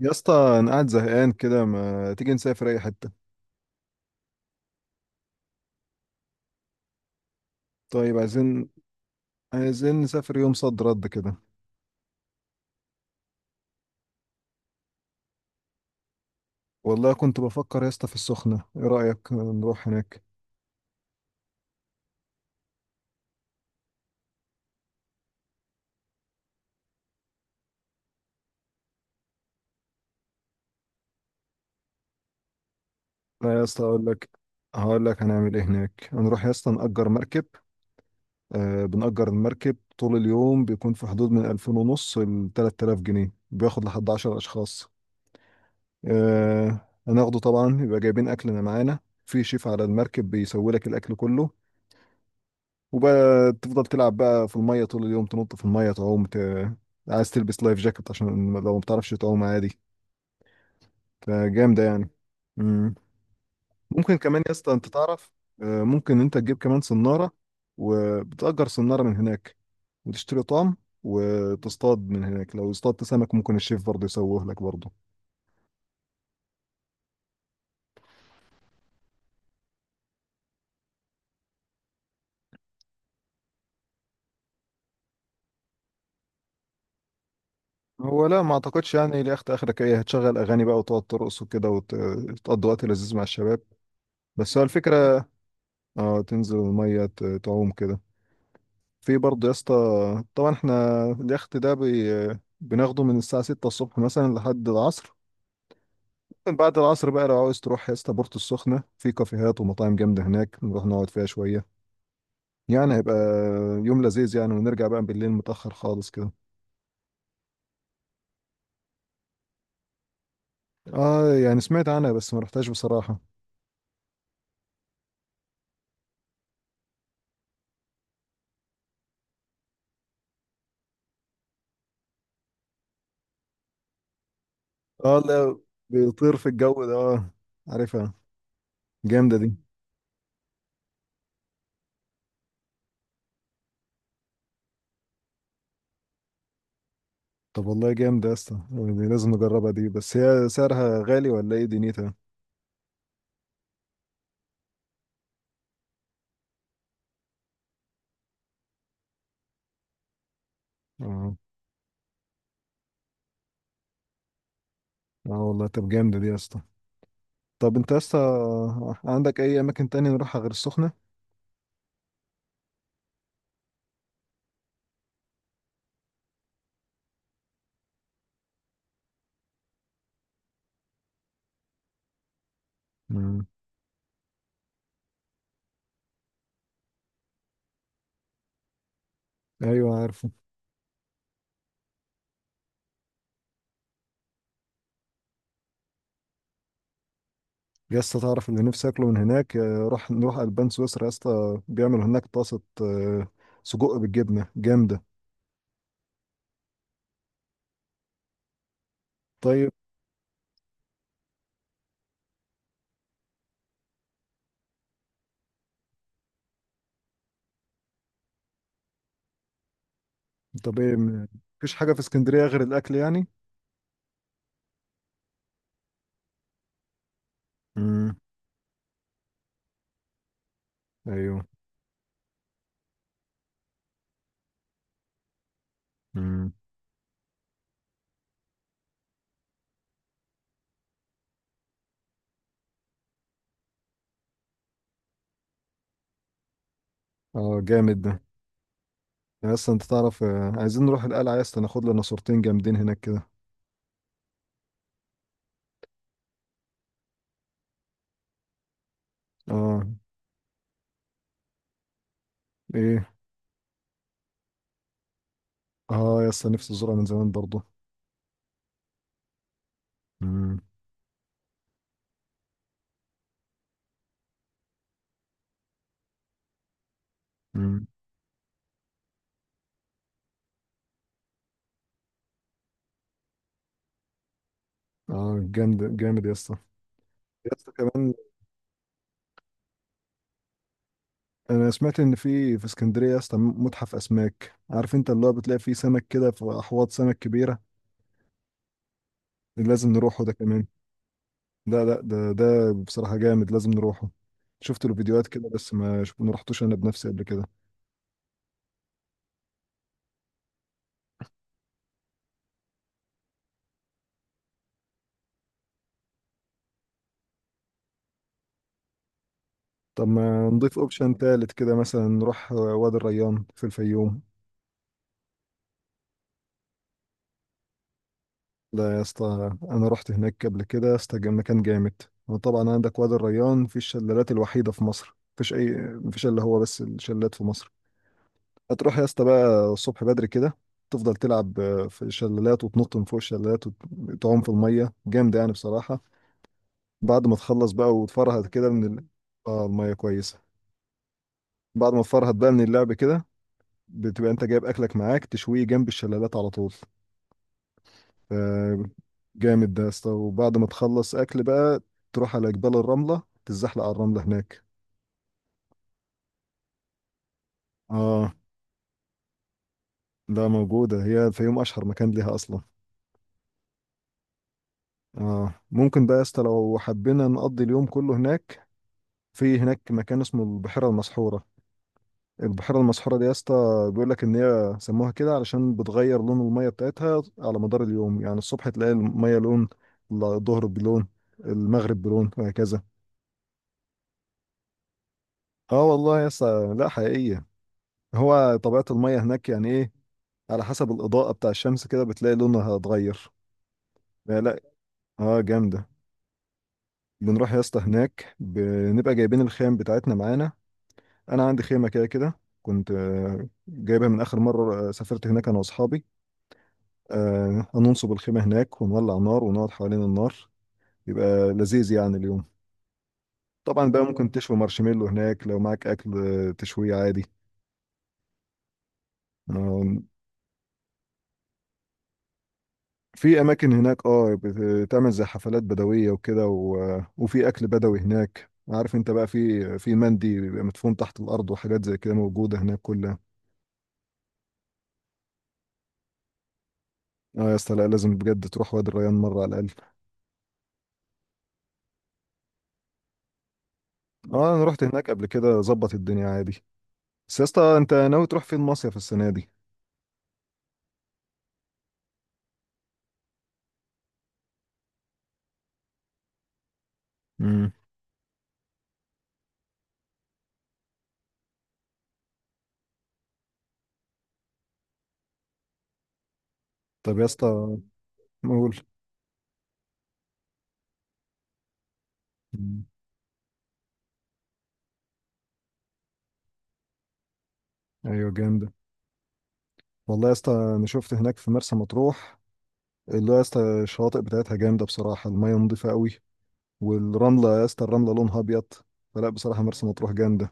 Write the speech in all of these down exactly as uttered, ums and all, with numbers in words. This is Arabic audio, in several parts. يا اسطى، انا قاعد زهقان كده. ما تيجي نسافر اي حته؟ طيب عايزين عايزين نسافر يوم صد رد كده. والله كنت بفكر يا اسطى في السخنه، ايه رايك نروح هناك؟ لا يا اسطى اقول لك، هقول لك هنعمل ايه هناك. هنروح يا اسطى نأجر مركب. آه، بنأجر المركب طول اليوم. بيكون في حدود من ألفين وخمسمية ونص ل تلات آلاف جنيه. بياخد لحد 10 اشخاص. آه هناخده طبعا، يبقى جايبين اكلنا معانا. في شيف على المركب بيسوي لك الاكل كله. وبقى تفضل تلعب بقى في المية طول اليوم، تنط في المية، تعوم، ت... عايز تلبس لايف جاكيت عشان لو ما بتعرفش تعوم، عادي. فجامدة يعني. مم. ممكن كمان يا اسطى انت تعرف، آه، ممكن انت تجيب كمان صنارة، وبتأجر صنارة من هناك، وتشتري طعم، وتصطاد من هناك. لو اصطادت سمك ممكن الشيف برضه يسويه لك برضه. هو لا، ما اعتقدش. يعني لاخت اخرك ايه؟ هتشغل اغاني بقى وتقعد ترقص وكده، وتقضي وقت لذيذ مع الشباب. بس هو الفكرة. اه، تنزل المية ت- تعوم كده. في برضه يا اسطى، طبعا احنا اليخت ده بي... بناخده من الساعة ستة الصبح مثلا لحد العصر. بعد العصر بقى لو عاوز تروح يا اسطى بورتو السخنة، في كافيهات ومطاعم جامدة هناك، نروح نقعد فيها شوية. يعني هيبقى يوم لذيذ يعني، ونرجع بقى بالليل متأخر خالص كده. اه، يعني سمعت عنها بس ما رحتهاش بصراحة. اه لا، بيطير في الجو ده، اه. عارفها، جامدة دي. طب والله جامدة يا اسطى دي، لازم نجربها دي. بس هي سعرها غالي ولا ايه دنيتها؟ اه. اه والله، طب جامدة دي يا اسطى. طب انت لسه عندك اي اماكن تانية نروحها غير السخنة؟ مم. ايوه، عارفه. يا اسطى تعرف اللي نفسي اكله من هناك؟ يا روح نروح البان سويسرا يا اسطى، بيعملوا هناك طاسة آه، سجق بالجبنة جامدة. طيب. طب ايه م- مفيش حاجة في اسكندرية غير الاكل يعني؟ امم. ايوه. امم. اه جامد ده. يا اسطى انت تعرف، آه، عايزين نروح القلعة يا اسطى، ناخد لنا صورتين جامدين هناك كده. اه. ايه؟ اه يا اسطى، نفسي ازورها من زمان برضه. امم. امم. اه جامد جامد يا اسطى. يا اسطى كمان، انا سمعت ان في في اسكندريه يا اسطى متحف اسماك. عارف انت، اللي هو بتلاقي فيه سمك كده في احواض سمك كبيره. لازم نروحه ده كمان. لا لا، ده ده بصراحه جامد، لازم نروحه. شفت له فيديوهات كده، بس ما شف- ما رحتوش انا بنفسي قبل كده. طب ما نضيف اوبشن تالت كده مثلا، نروح وادي الريان في الفيوم. لا يا اسطى، انا رحت هناك قبل كده يا اسطى، كان مكان جامد. وطبعا عندك وادي الريان، في الشلالات الوحيده في مصر، مفيش اي مفيش الا هو بس الشلالات في مصر. هتروح يا اسطى بقى الصبح بدري كده، تفضل تلعب آه، في الشلالات، وتنط من فوق الشلالات، وتعوم في الميه، جامد يعني بصراحه. بعد ما تخلص بقى وتفرهد كده من ال... اه الميه كويسه. بعد ما تفرهد بقى من اللعب كده، بتبقى انت جايب اكلك معاك، تشويه جنب الشلالات على طول. ف- جامد ده يا اسطى. وبعد ما تخلص اكل بقى، تروح على جبال الرمله، تتزحلق على الرمله هناك. اه لا، موجوده هي، الفيوم اشهر مكان ليها اصلا. اه، ممكن بقى يا اسطى لو حبينا نقضي اليوم كله هناك، في هناك مكان اسمه البحيرة المسحورة. البحيرة المسحورة دي يا اسطى، بيقول لك ان هي سموها كده علشان بتغير لون المية بتاعتها على مدار اليوم. يعني الصبح تلاقي المية لون، الظهر بلون، المغرب بلون، وهكذا. اه والله يا اسطى، لا حقيقية، هو طبيعة المية هناك يعني ايه، على حسب الإضاءة بتاع الشمس كده بتلاقي لونها اتغير. لا لا. اه جامدة. بنروح يا اسطى هناك بنبقى جايبين الخيم بتاعتنا معانا. انا عندي خيمة كده كده، كنت آه، جايبها من اخر مرة آه، سافرت هناك انا واصحابي. آه، هننصب الخيمة هناك ونولع نار، ونقعد حوالين النار، يبقى لذيذ يعني اليوم. طبعا بقى ممكن تشوي مارشميلو هناك لو معاك أكل، آه، تشويه عادي. آه، في أماكن هناك اه بتعمل زي حفلات بدوية وكده، و- وفي أكل بدوي هناك. عارف انت بقى، في في مندي بيبقى مدفون تحت الأرض، وحاجات زي كده موجودة هناك كلها. اه يا اسطى، لا لازم بجد تروح وادي الريان مرة على الأقل. اه أنا رحت هناك قبل كده، ظبط الدنيا عادي. بس يا اسطى، انت ناوي تروح فين مصيف السنة دي؟ مم. طب يا اسطى، قول. مم. ايوه جامده. والله يا اسطى، انا شفت هناك في مرسى مطروح اللي هو يا اسطى الشواطئ بتاعتها جامده بصراحه، الميه نظيفه قوي، والرمله يا اسطى الرمله لونها ابيض. فلا بصراحه مرسى مطروح جامده.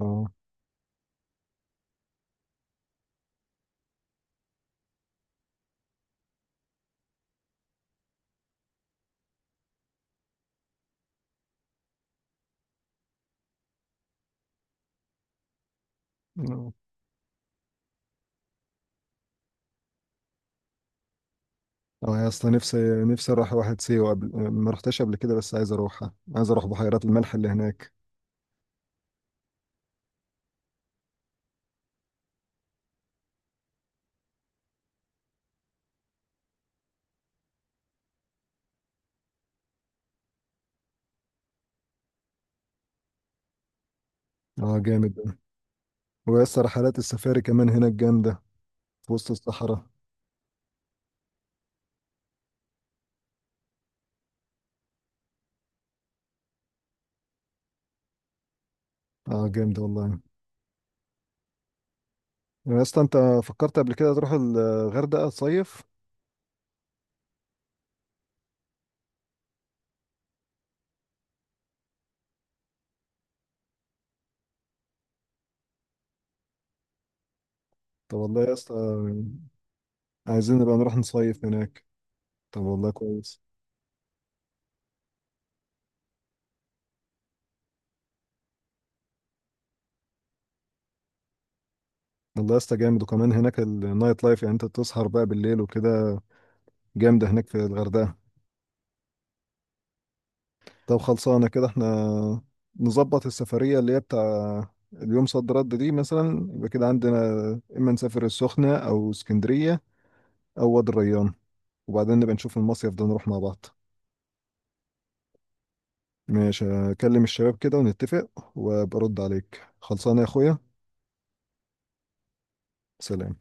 اه. اه. آه يا اسطى، نفسي، نفسي اروح واحد سيوه. قبل، ما رحتش قبل كده، بس عايز اروحها، عايز اروح بحيرات الملح اللي هناك. اه جامد ده. ويا اسطى رحلات السفاري كمان هناك جامده، في وسط الصحراء. اه جامده والله. يا اسطى انت فكرت قبل كده تروح الغردقه صيف؟ طب والله يا اسطى، عايزين نبقى نروح نصيف هناك. طب والله كويس. والله يا اسطى جامد، وكمان هناك النايت لايف، يعني انت تسهر بقى بالليل وكده. جامدة هناك في الغردقة. طب خلصانة كده احنا. نظبط السفرية اللي هي بتاع اليوم صد رد دي مثلا، يبقى كده عندنا، اما نسافر السخنة، او اسكندرية، او وادي الريان. وبعدين نبقى نشوف المصيف ده نروح مع بعض. ماشي. اكلم الشباب كده ونتفق، وبرد عليك، خلصانة يا اخويا. سلام.